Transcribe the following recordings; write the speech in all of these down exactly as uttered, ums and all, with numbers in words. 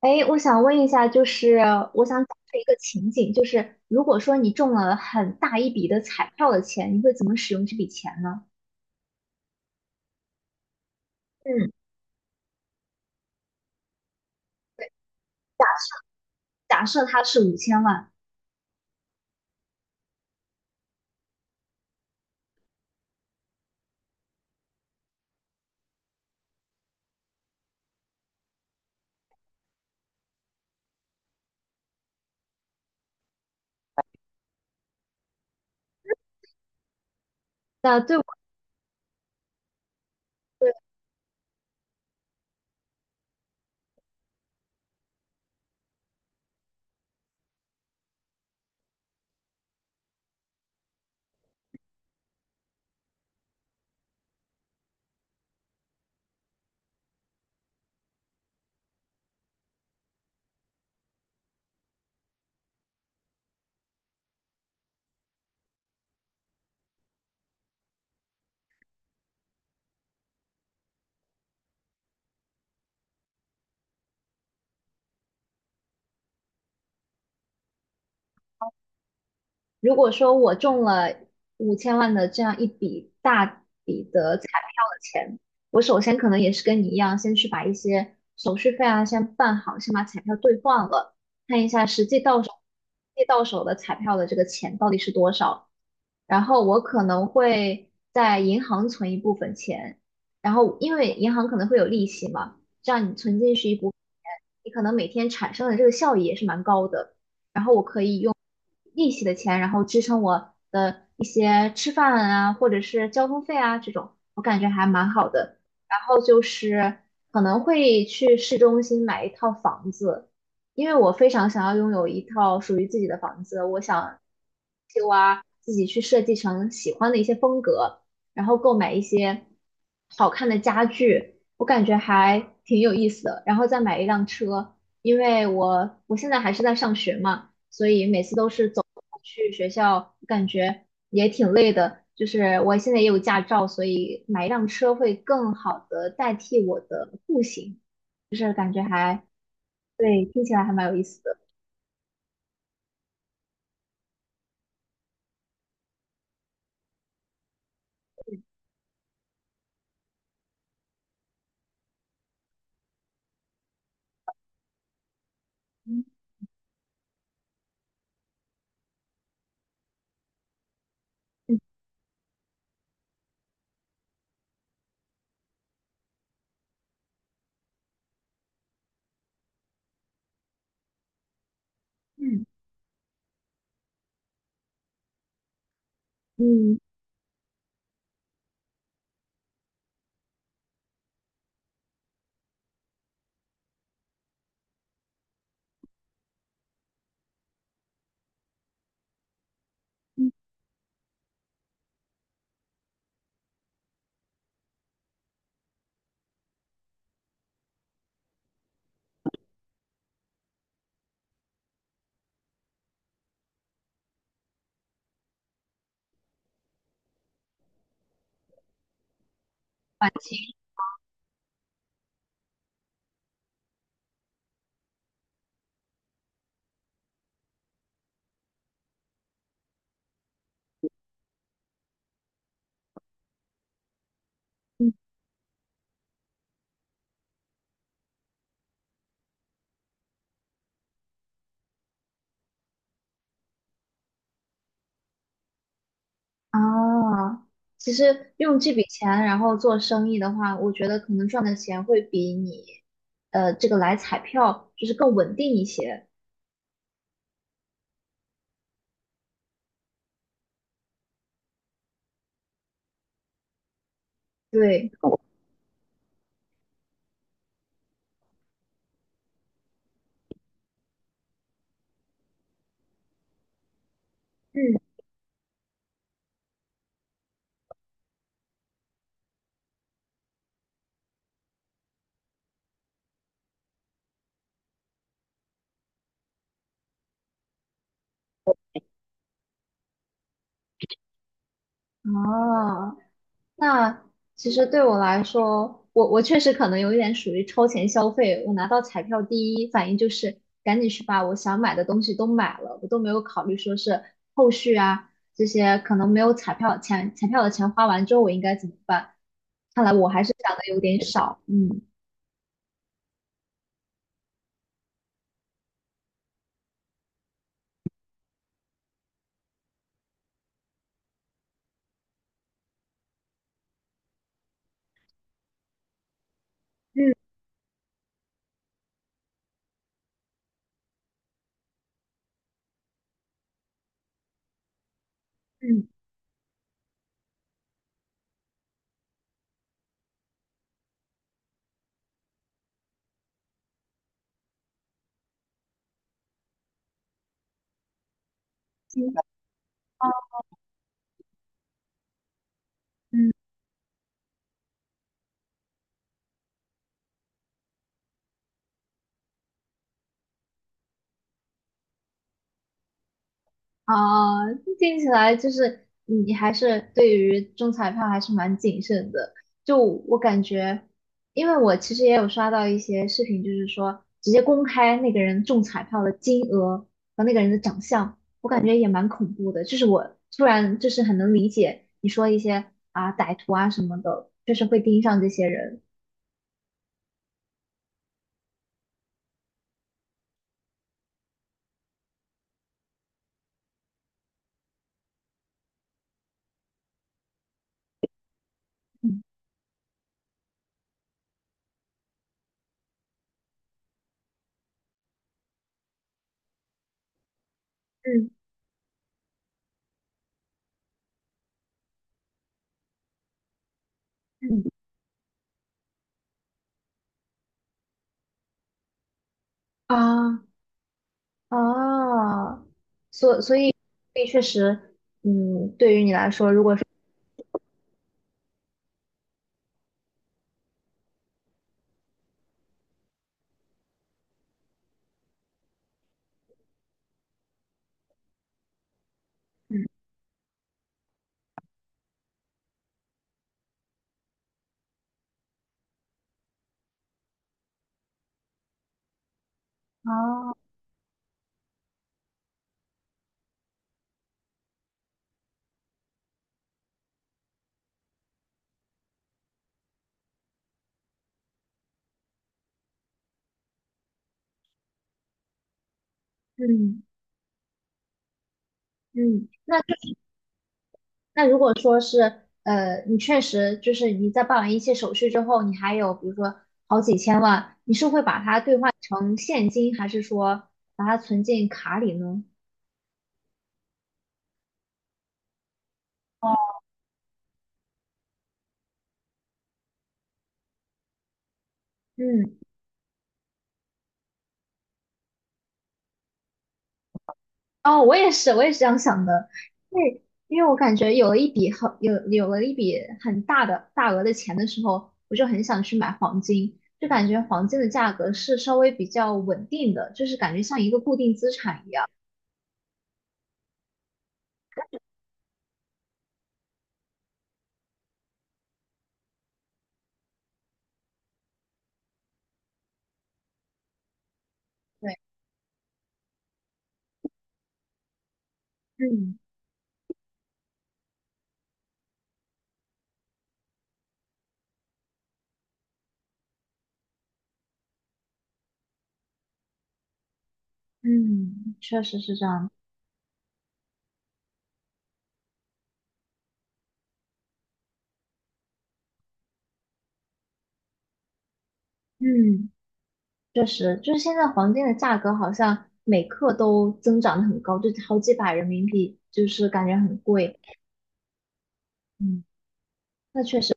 哎，我想问一下，就是我想假设一个情景，就是如果说你中了很大一笔的彩票的钱，你会怎么使用这笔钱呢？嗯，对，假设它是五千万。那对我是，如果说我中了五千万的这样一笔大笔的彩票的钱，我首先可能也是跟你一样，先去把一些手续费啊先办好，先把彩票兑换了，看一下实际到手，实际到手的彩票的这个钱到底是多少。然后我可能会在银行存一部分钱，然后因为银行可能会有利息嘛，这样你存进去一部分钱，你可能每天产生的这个效益也是蛮高的，用利息的钱，然后支撑我的一些吃饭啊，或者是交通费啊这种，我感觉还蛮好的。然后就是可能会去市中心买一套房子，因为我非常想要拥有一套属于自己的房子，我想就啊自己去设计成喜欢的一些风格，然后购买一些好看的家具，我感觉还挺有意思的，然后再买一辆车，因为我我现在还是在上学嘛。所以每次都是走路去学校，感觉也挺累的。就是我现在也有驾照，所以买一辆车会更好的代替我的步行。对，听起来还蛮有意思的。嗯嗯嗯嗯，嗯，环清啊，其实用这笔钱然后做生意的话，我觉得可能赚的钱会比你呃这个来彩票就是更稳定一些。对，嗯，啊。那其实对我来说，我我确实可能有一点属于超前消费。我拿到彩票，第一反应就是赶紧去把我想买的东西都买了，我都没有考虑说是后续啊这些可能没有彩票钱，彩票的钱花完之后我应该怎么办？看来我还是想的有点少。嗯嗯嗯，嗯嗯啊，听起来就是你还是对于中彩票还是蛮谨慎的。就我感觉，因为我其实也有刷到一些视频，就是说直接公开那个人中彩票的金额和那个人的长相，我感觉也蛮恐怖的。就是我突然就是很能理解你说一些啊歹徒啊什么的，就是会盯上这些人。嗯嗯嗯啊啊，所所以所以确实。嗯，对于你来说，如果。嗯，哦，嗯嗯，那如果说是呃，你确实就是你在办完一切手续之后，你还有比如说好几千万，你是会把它兑换成现金，还是说把它存进卡里呢？嗯，哦，我也是，我也是这样想的，因为因为我感觉有了一笔很有有了一笔很大的大额的钱的时候，我就很想去买黄金，就感觉黄金的价格是稍微比较稳定的，就是感觉像一个固定资产一样。对，嗯。嗯，确实是这样。嗯，确实，就是现在黄金的价格好像每克都增长得很高，就好几百人民币，就是感觉很贵。嗯，那确实，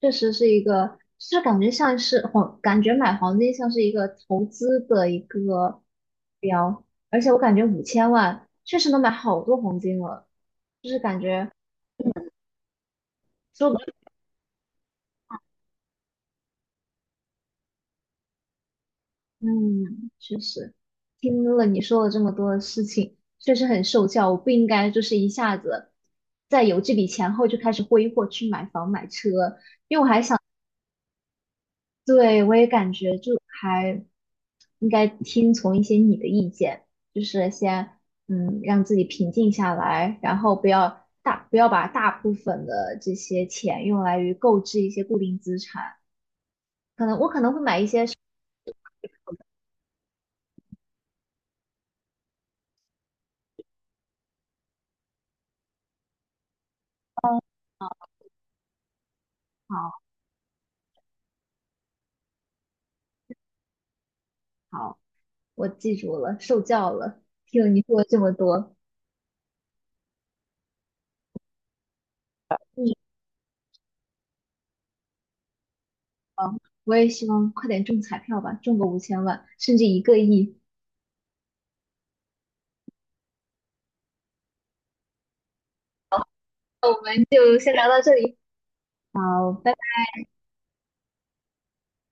确实是一个，就是感觉像是黄，感觉买黄金像是一个投资的一个标，而且我感觉五千万确实能买好多黄金了，就是感觉。嗯，确实，听了你说了这么多的事情，确实很受教。我不应该就是一下子在有这笔钱后就开始挥霍去买房买车。对，我也感觉就还应该听从一些你的意见，就是先嗯让自己平静下来，然后不要大不要把大部分的这些钱用来于购置一些固定资产。可能我可能会买一些。好好。我记住了，受教了。听了你说了这么多。嗯，好，我也希望快点中彩票吧，中个五千万，甚至一个亿。那我们就先聊到这里，好，拜拜。